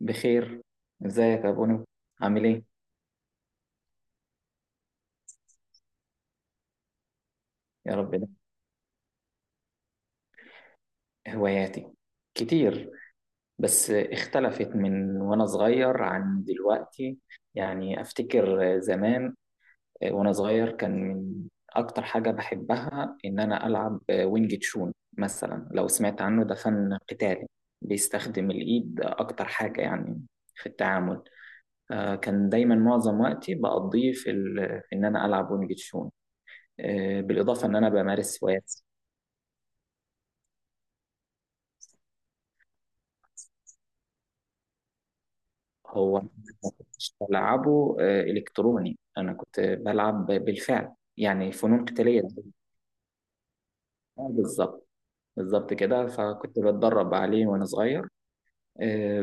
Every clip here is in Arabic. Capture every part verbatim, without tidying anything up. بخير. ازيك يا بونو؟ عامل ايه؟ يا رب. ده هواياتي كتير، بس اختلفت من وانا صغير عن دلوقتي. يعني افتكر زمان وانا صغير كان من اكتر حاجة بحبها ان انا العب وينج تشون، مثلا لو سمعت عنه، ده فن قتالي بيستخدم الايد اكتر حاجة يعني في التعامل. آه، كان دايما معظم وقتي بقضيه في ال- في ان انا العب وينج تشون. آه، بالاضافه ان انا بمارس هوايات. هو أنا ما كنتش بلعبه آه، الكتروني، انا كنت بلعب بالفعل يعني فنون قتاليه بالفعل. بالظبط، بالظبط كده، فكنت بتدرب عليه وانا صغير. آه،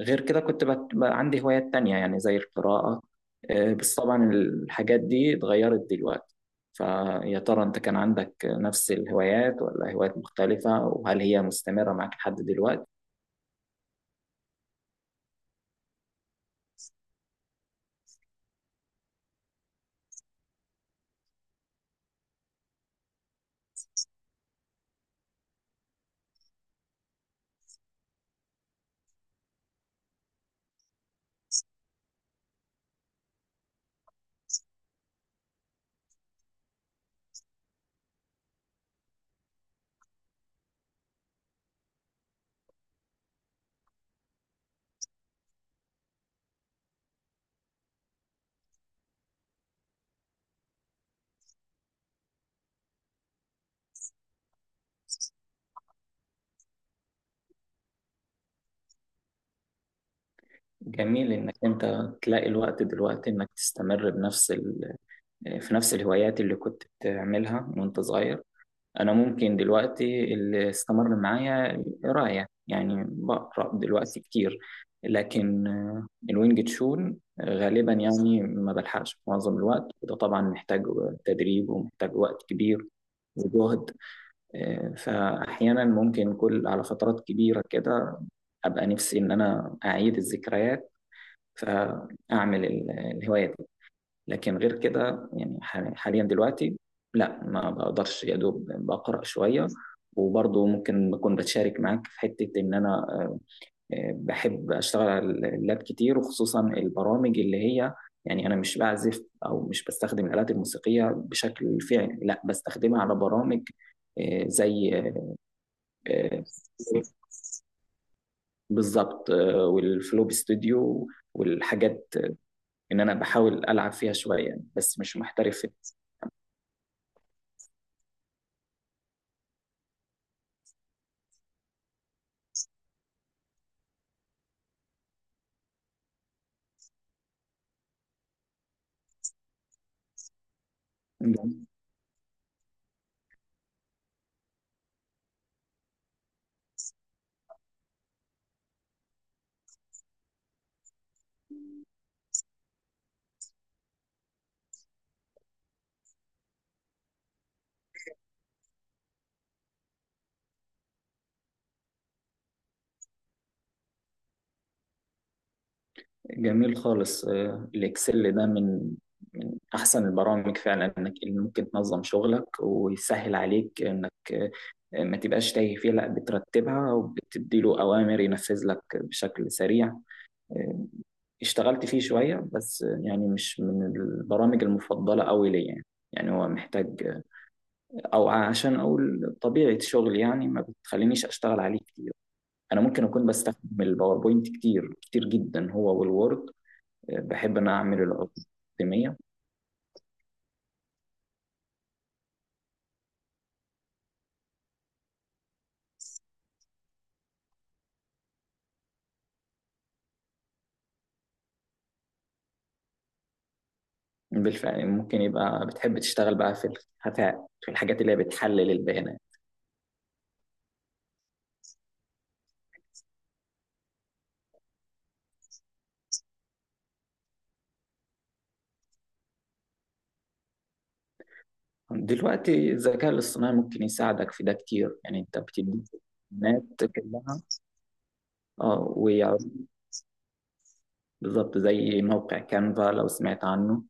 غير كده كنت بت... عندي هوايات تانية يعني زي القراءه. آه، بس طبعا الحاجات دي اتغيرت دلوقتي. فيا ترى انت كان عندك نفس الهوايات ولا هوايات مختلفه، وهل هي مستمره معك لحد دلوقتي؟ جميل انك انت تلاقي الوقت دلوقتي انك تستمر بنفس، في نفس الهوايات اللي كنت بتعملها وانت صغير. انا ممكن دلوقتي اللي استمر معايا القرايه، يعني بقرا دلوقتي كتير، لكن آه، الوينج تشون غالبا يعني ما بلحقش معظم الوقت، وده طبعا محتاج تدريب ومحتاج وقت كبير وجهد. آه، فاحيانا ممكن كل على فترات كبيره كده ابقى نفسي ان انا اعيد الذكريات فاعمل ال- الهوايه دي. لكن غير كده يعني ح- حاليا دلوقتي لا ما بقدرش، يا دوب بقرأ شوية. وبرضه ممكن بكون بتشارك معاك في حتة إن أنا آه، آه، بحب أشتغل على اللاب كتير، وخصوصا البرامج اللي هي، يعني أنا مش بعزف أو مش بستخدم الآلات الموسيقية بشكل فعلي، لا بستخدمها على برامج. آه، زي آه، آه، بالظبط، آه، والفلوب ستوديو والحاجات، آه، إن أنا بحاول ألعب فيها شوية، يعني بس مش محترف. جميل خالص. آه، الإكسل ده من، من أحسن البرامج فعلا، إنك اللي ممكن تنظم شغلك ويسهل عليك إنك، آه، ما تبقاش تايه فيه، لا بترتبها وبتدي له أوامر ينفذ لك بشكل سريع. آه، اشتغلت فيه شوية بس، آه، يعني مش من البرامج المفضلة أوي ليا يعني. يعني هو محتاج، أو عشان أقول طبيعة شغلي يعني ما بتخلينيش أشتغل عليه كتير. أنا ممكن أكون بستخدم الباوربوينت كتير كتير جدا، هو والوورد. بحب ان أنا أعمل الأقدمية. بالفعل، ممكن يبقى بتحب تشتغل بقى في الخفاء في الحاجات اللي هي بتحلل البيانات. دلوقتي الذكاء الاصطناعي ممكن يساعدك في ده كتير، يعني أنت بتدي البيانات كلها، اه ويعرف. بالظبط، زي موقع كانفا، لو سمعت عنه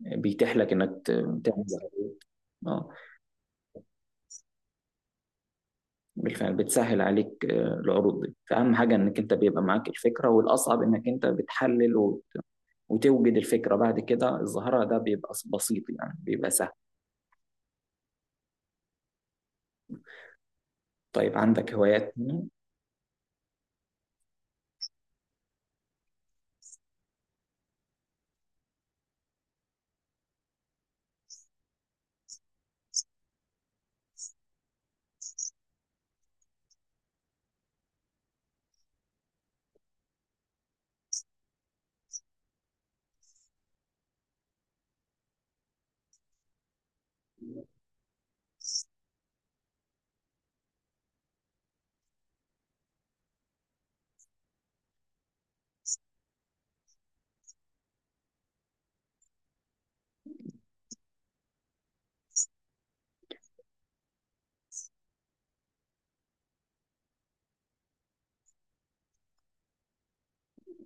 بيتيح لك إنك ت- تعمل عروض. اه، بالفعل بتسهل عليك آه، العروض دي، فأهم حاجة إنك أنت بيبقى معاك الفكرة، والأصعب إنك أنت بتحلل وت... وتوجد الفكرة، بعد كده الظاهرة ده بيبقى بسيط يعني بيبقى سهل. طيب، عندك هوايات تانية؟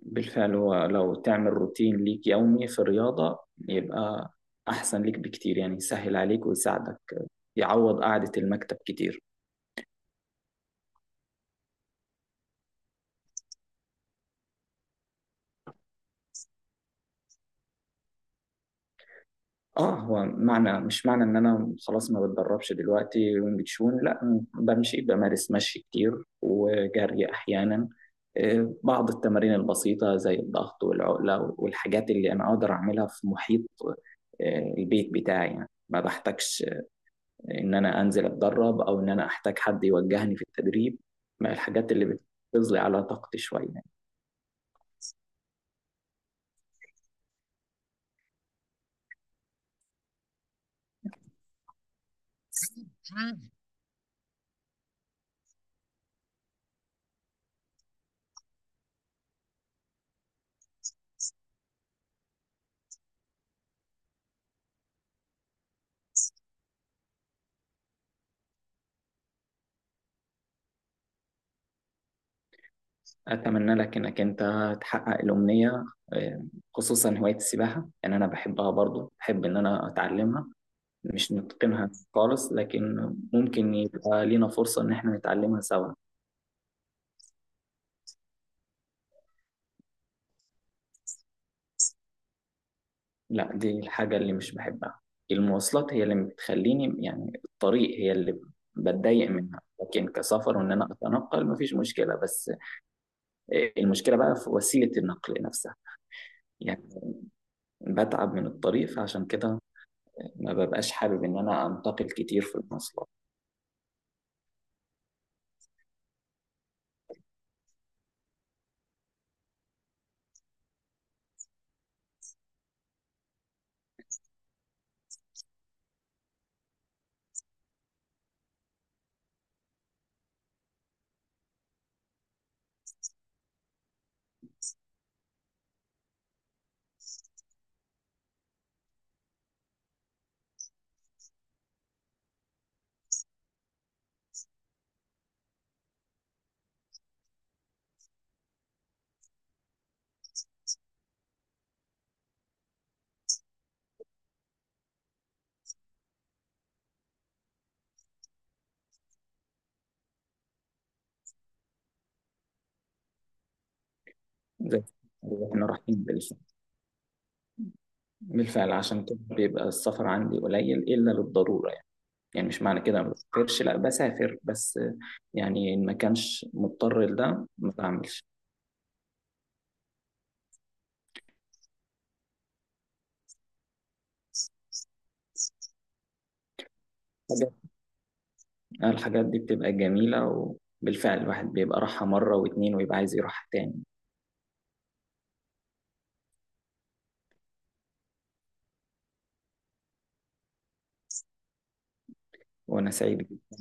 بالفعل. هو لو تعمل روتين ليك يومي في الرياضة، يبقى أحسن ليك بكتير، يعني يسهل عليك ويساعدك يعوض قعدة المكتب كتير. اه، هو معنى مش معنى ان انا خلاص ما بتدربش دلوقتي وينج تشون، لا بمشي، بمارس مشي كتير وجري احيانا. آه، بعض التمارين البسيطة زي الضغط والعقلة والحاجات اللي انا اقدر اعملها في محيط آه، البيت بتاعي، يعني ما بحتاجش ان انا انزل اتدرب او ان انا احتاج حد يوجهني في التدريب. ما الحاجات اللي بتغذي على طاقتي شوية. أتمنى لك إنك أنت تحقق الأمنية، آه، خصوصا هواية السباحة. يعني أنا بحبها برضو، بحب إن أنا أتعلمها. مش نتقنها خالص، لكن ممكن يبقى لينا فرصة إن إحنا نتعلمها سوا. لا دي الحاجة اللي مش بحبها، المواصلات هي اللي بتخليني، يعني الطريق هي اللي بتضايق منها، لكن كسفر وإن أنا أتنقل مفيش مشكلة، بس آه، المشكلة بقى في وسيلة النقل نفسها. يعني بتعب من الطريق، فعشان كده ما ببقاش حابب إن أنا أنتقل كتير في المواصلات. زي احنا رايحين بالف- بالفعل. عشان كده بيبقى السفر عندي قليل إلا للضرورة، يعني يعني مش معنى كده ما بسافرش، لا بسافر، بس يعني إن ما كانش مضطر لده ما بعملش. حاجات- الحاجات دي بتبقى جميلة، وبالفعل الواحد بيبقى راحها مرة واتنين ويبقى عايز يروحها تاني. وأنا سعيد جدا.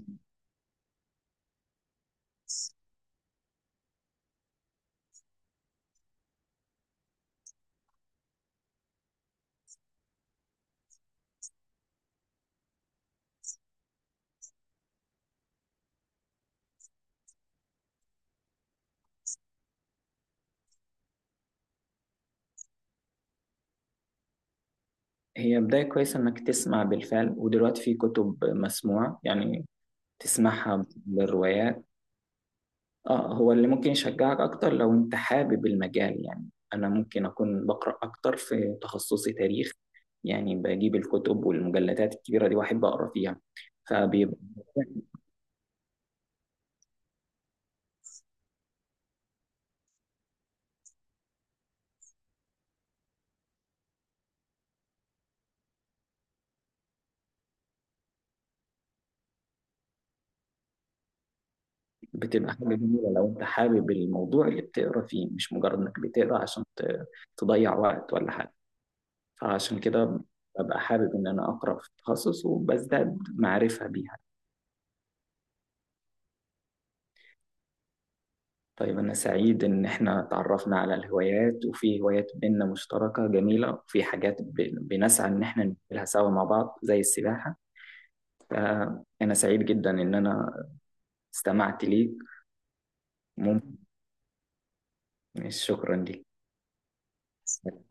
هي بداية كويسة إنك تسمع بالفعل، ودلوقتي في كتب مسموعة يعني، تسمعها بالروايات. اه هو اللي ممكن يشجعك اكتر لو انت حابب المجال يعني. انا ممكن اكون بقرا اكتر في تخصصي تاريخ، يعني بجيب الكتب والمجلدات الكبيره دي واحب اقرا فيها. فبيبقى بتبقى حاجه جميله لو انت حابب الموضوع اللي بتقرا فيه، مش مجرد انك بتقرا عشان ت- تضيع وقت ولا حاجه. فعشان كده ببقى حابب ان انا اقرا في التخصص وبزداد معرفه بيه. طيب، أنا سعيد إن إحنا تعرفنا على الهوايات، وفي هوايات بينا مشتركة جميلة، وفي حاجات ب- بنسعى إن إحنا نعملها سوا مع بعض زي السباحة. فأنا سعيد جدا إن أنا استمعت ليك. ممكن، شكرا ليك.